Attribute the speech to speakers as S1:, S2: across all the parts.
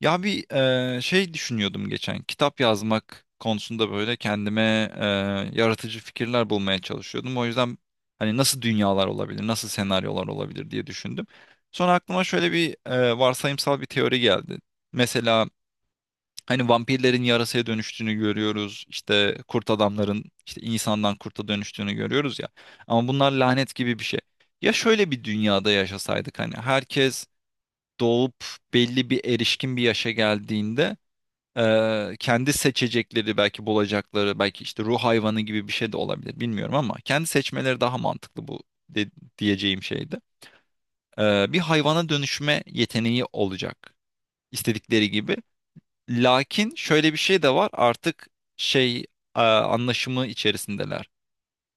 S1: Ya bir şey düşünüyordum geçen. Kitap yazmak konusunda böyle kendime eee, yaratıcı fikirler bulmaya çalışıyordum. O yüzden hani nasıl dünyalar olabilir, nasıl senaryolar olabilir diye düşündüm. Sonra aklıma şöyle bir varsayımsal bir teori geldi. Mesela hani vampirlerin yarasaya dönüştüğünü görüyoruz. İşte kurt adamların işte insandan kurta dönüştüğünü görüyoruz ya. Ama bunlar lanet gibi bir şey. Ya şöyle bir dünyada yaşasaydık, hani herkes doğup belli bir erişkin bir yaşa geldiğinde, kendi seçecekleri, belki bulacakları, belki işte ruh hayvanı gibi bir şey de olabilir, bilmiyorum, ama kendi seçmeleri daha mantıklı, bu de- diyeceğim şeydi. Bir hayvana dönüşme yeteneği olacak, istedikleri gibi. Lakin şöyle bir şey de var artık, şey anlaşımı içerisindeler.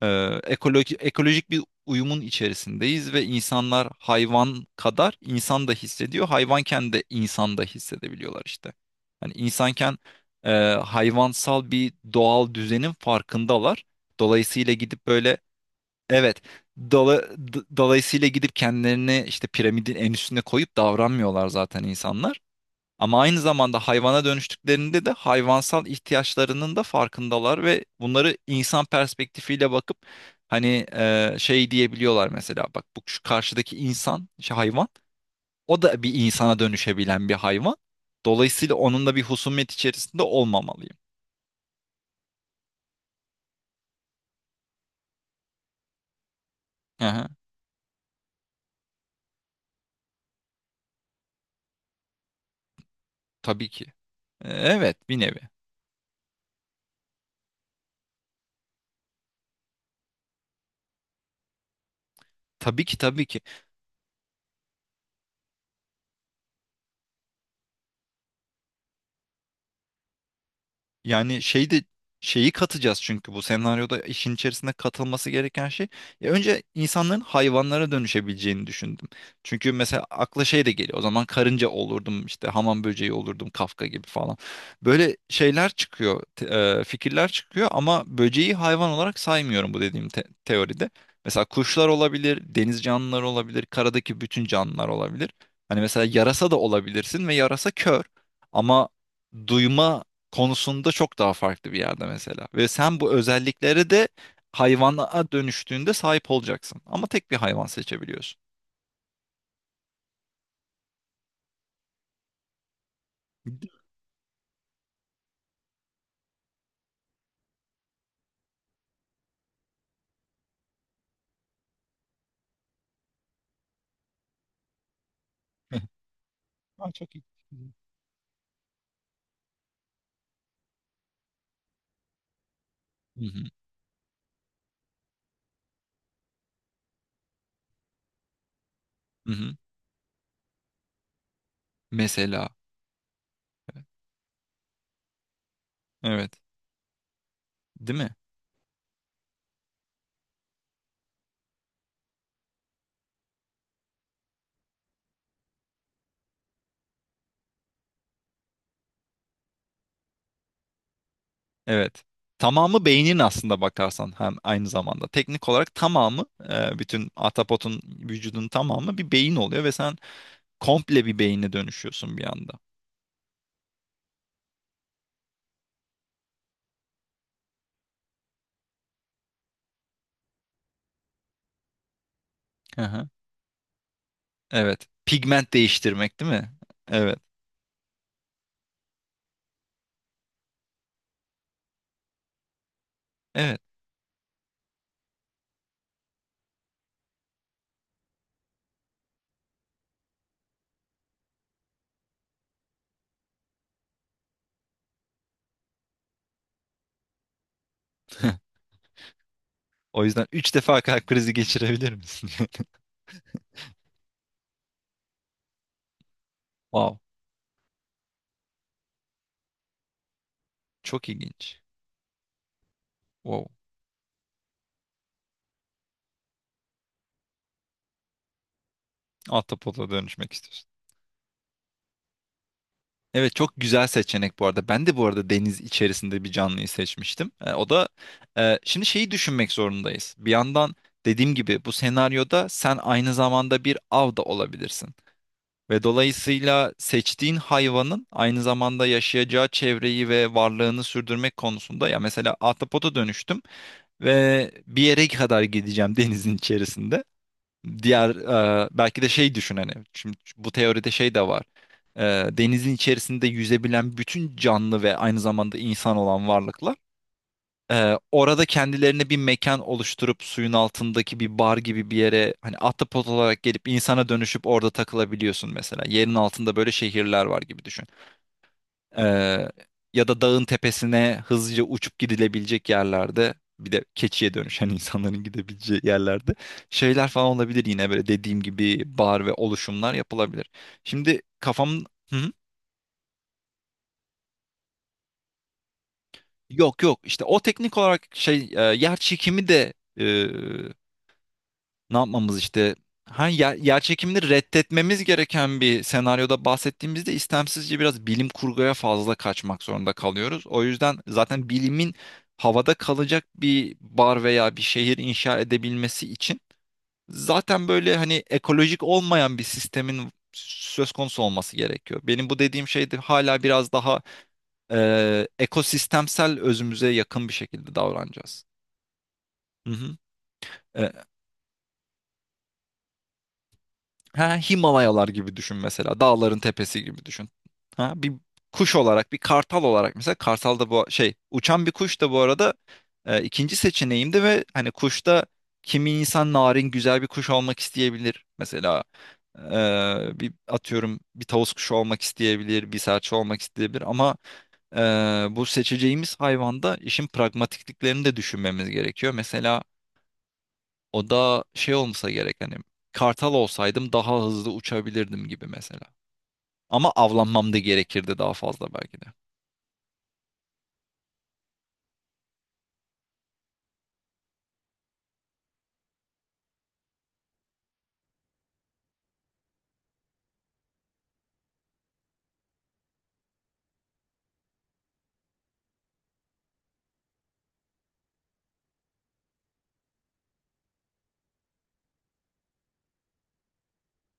S1: Ekoloji, ekolojik bir uyumun içerisindeyiz ve insanlar hayvan kadar insan da hissediyor. Hayvanken de insan da hissedebiliyorlar işte. Hani insanken hayvansal bir doğal düzenin farkındalar. Dolayısıyla gidip böyle, evet, dolayısıyla gidip kendilerini işte piramidin en üstüne koyup davranmıyorlar zaten insanlar. Ama aynı zamanda hayvana dönüştüklerinde de hayvansal ihtiyaçlarının da farkındalar ve bunları insan perspektifiyle bakıp hani şey diyebiliyorlar, mesela bak, bu şu karşıdaki insan, şu hayvan o da bir insana dönüşebilen bir hayvan. Dolayısıyla onun da bir husumet içerisinde olmamalıyım. Aha, tabii ki. Evet bir nevi. Tabii ki, tabii ki. Yani şey de şeyi katacağız çünkü bu senaryoda işin içerisine katılması gereken şey. Ya önce insanların hayvanlara dönüşebileceğini düşündüm. Çünkü mesela akla şey de geliyor. O zaman karınca olurdum, işte hamam böceği olurdum, Kafka gibi falan. Böyle şeyler çıkıyor, fikirler çıkıyor, ama böceği hayvan olarak saymıyorum bu dediğim teoride. Mesela kuşlar olabilir, deniz canlıları olabilir, karadaki bütün canlılar olabilir. Hani mesela yarasa da olabilirsin ve yarasa kör ama duyma konusunda çok daha farklı bir yerde mesela. Ve sen bu özelliklere de hayvana dönüştüğünde sahip olacaksın. Ama tek bir hayvan seçebiliyorsun. Değil mi? Ha, çok iyi. Hı hı, hı hı. Mesela. Evet. Değil mi? Evet. Tamamı beynin aslında bakarsan hem aynı zamanda. Teknik olarak tamamı, bütün atapotun vücudun tamamı bir beyin oluyor ve sen komple bir beyine dönüşüyorsun bir anda. Hı hı. Evet. Pigment değiştirmek, değil mi? Evet. Evet. O yüzden 3 defa kalp krizi geçirebilir misin? Wow. Çok ilginç. Wow. Ahtapota dönüşmek istiyorsun. Evet, çok güzel seçenek bu arada. Ben de bu arada deniz içerisinde bir canlıyı seçmiştim. O da, şimdi şeyi düşünmek zorundayız. Bir yandan dediğim gibi bu senaryoda sen aynı zamanda bir av da olabilirsin. Ve dolayısıyla seçtiğin hayvanın aynı zamanda yaşayacağı çevreyi ve varlığını sürdürmek konusunda, ya mesela ahtapota dönüştüm ve bir yere kadar gideceğim denizin içerisinde. Diğer, belki de şey düşün, hani şimdi bu teoride şey de var. E, denizin içerisinde yüzebilen bütün canlı ve aynı zamanda insan olan varlıklar orada kendilerine bir mekan oluşturup suyun altındaki bir bar gibi bir yere hani ahtapot olarak gelip insana dönüşüp orada takılabiliyorsun mesela. Yerin altında böyle şehirler var gibi düşün. Ee, ya da dağın tepesine hızlıca uçup gidilebilecek yerlerde bir de keçiye dönüşen insanların gidebileceği yerlerde şeyler falan olabilir, yine böyle dediğim gibi bar ve oluşumlar yapılabilir. Şimdi kafam. Hı hı. Yok, yok, işte o teknik olarak, yer çekimi de, e, Ne yapmamız işte? Ha, yer reddetmemiz gereken bir senaryoda bahsettiğimizde istemsizce biraz bilim kurguya fazla kaçmak zorunda kalıyoruz. O yüzden zaten bilimin havada kalacak bir bar veya bir şehir inşa edebilmesi için zaten böyle hani ekolojik olmayan bir sistemin söz konusu olması gerekiyor. Benim bu dediğim şey de hala biraz daha ekosistemsel özümüze yakın bir şekilde davranacağız. Hı hı. E, Ha, Himalayalar gibi düşün mesela. Dağların tepesi gibi düşün. Ha, bir kuş olarak, bir kartal olarak mesela, kartal da bu şey uçan bir kuş da bu arada ikinci seçeneğimdi ve hani kuşta kimi insan narin güzel bir kuş olmak isteyebilir. Mesela bir atıyorum bir tavus kuşu olmak isteyebilir, bir serçe olmak isteyebilir, ama e, bu seçeceğimiz hayvanda işin pragmatikliklerini de düşünmemiz gerekiyor. Mesela o da şey olmasa gerek, hani kartal olsaydım daha hızlı uçabilirdim gibi mesela. Ama avlanmam da gerekirdi daha fazla belki de.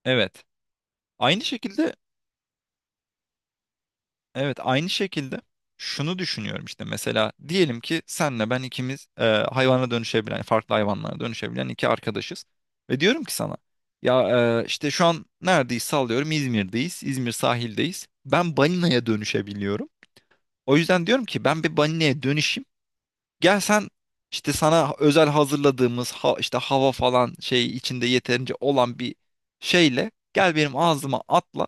S1: Evet. Aynı şekilde. Evet, aynı şekilde şunu düşünüyorum işte, mesela diyelim ki senle ben ikimiz hayvana dönüşebilen, farklı hayvanlara dönüşebilen iki arkadaşız ve diyorum ki sana, ya işte şu an neredeyiz, sallıyorum İzmir'deyiz, İzmir sahildeyiz, ben balinaya dönüşebiliyorum, o yüzden diyorum ki ben bir balinaya dönüşeyim, gel sen işte sana özel hazırladığımız, ha, işte hava falan şey içinde yeterince olan bir şeyle gel, benim ağzıma atla,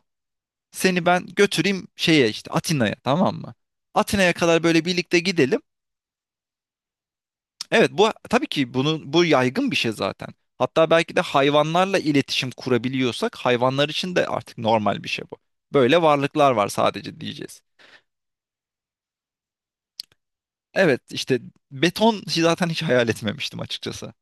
S1: seni ben götüreyim şeye, işte Atina'ya, tamam mı? Atina'ya kadar böyle birlikte gidelim. Evet, bu tabii ki, bunu, bu yaygın bir şey zaten. Hatta belki de hayvanlarla iletişim kurabiliyorsak hayvanlar için de artık normal bir şey bu. Böyle varlıklar var sadece diyeceğiz. Evet işte, beton zaten hiç hayal etmemiştim açıkçası.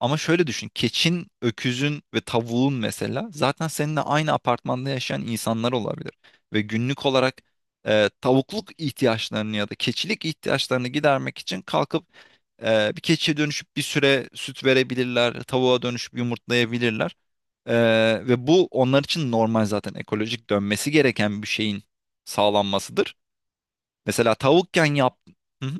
S1: Ama şöyle düşün. Keçin, öküzün ve tavuğun mesela zaten seninle aynı apartmanda yaşayan insanlar olabilir. Ve günlük olarak tavukluk ihtiyaçlarını ya da keçilik ihtiyaçlarını gidermek için kalkıp bir keçiye dönüşüp bir süre süt verebilirler, tavuğa dönüşüp yumurtlayabilirler. E, ve bu onlar için normal, zaten ekolojik dönmesi gereken bir şeyin sağlanmasıdır. Mesela tavukken yap. Hı hı.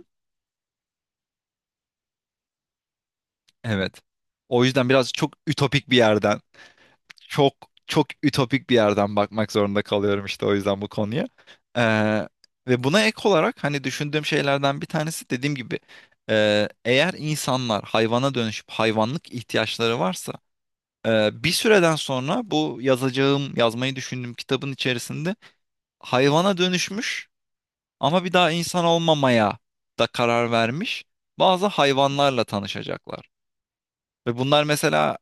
S1: Evet. O yüzden biraz çok ütopik bir yerden, çok çok ütopik bir yerden bakmak zorunda kalıyorum işte, o yüzden bu konuya. Ee, ve buna ek olarak hani düşündüğüm şeylerden bir tanesi dediğim gibi, eğer insanlar hayvana dönüşüp hayvanlık ihtiyaçları varsa, bir süreden sonra yazmayı düşündüğüm kitabın içerisinde hayvana dönüşmüş ama bir daha insan olmamaya da karar vermiş bazı hayvanlarla tanışacaklar. Ve bunlar mesela,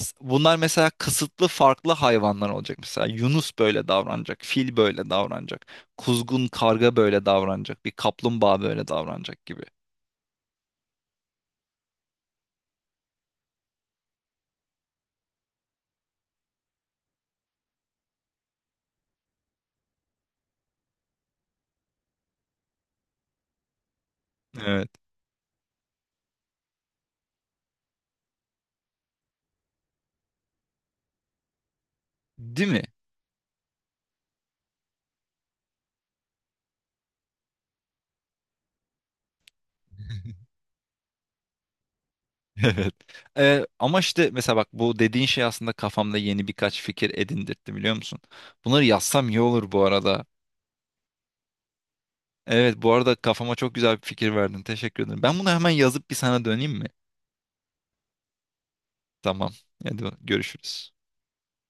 S1: Bunlar mesela kısıtlı farklı hayvanlar olacak. Mesela yunus böyle davranacak, fil böyle davranacak, kuzgun karga böyle davranacak, bir kaplumbağa böyle davranacak gibi. Evet. Değil mi? Evet. Ama işte mesela bak, bu dediğin şey aslında kafamda yeni birkaç fikir edindirtti, biliyor musun? Bunları yazsam iyi olur bu arada. Evet, bu arada kafama çok güzel bir fikir verdin. Teşekkür ederim. Ben bunu hemen yazıp bir sana döneyim mi? Tamam. Hadi görüşürüz.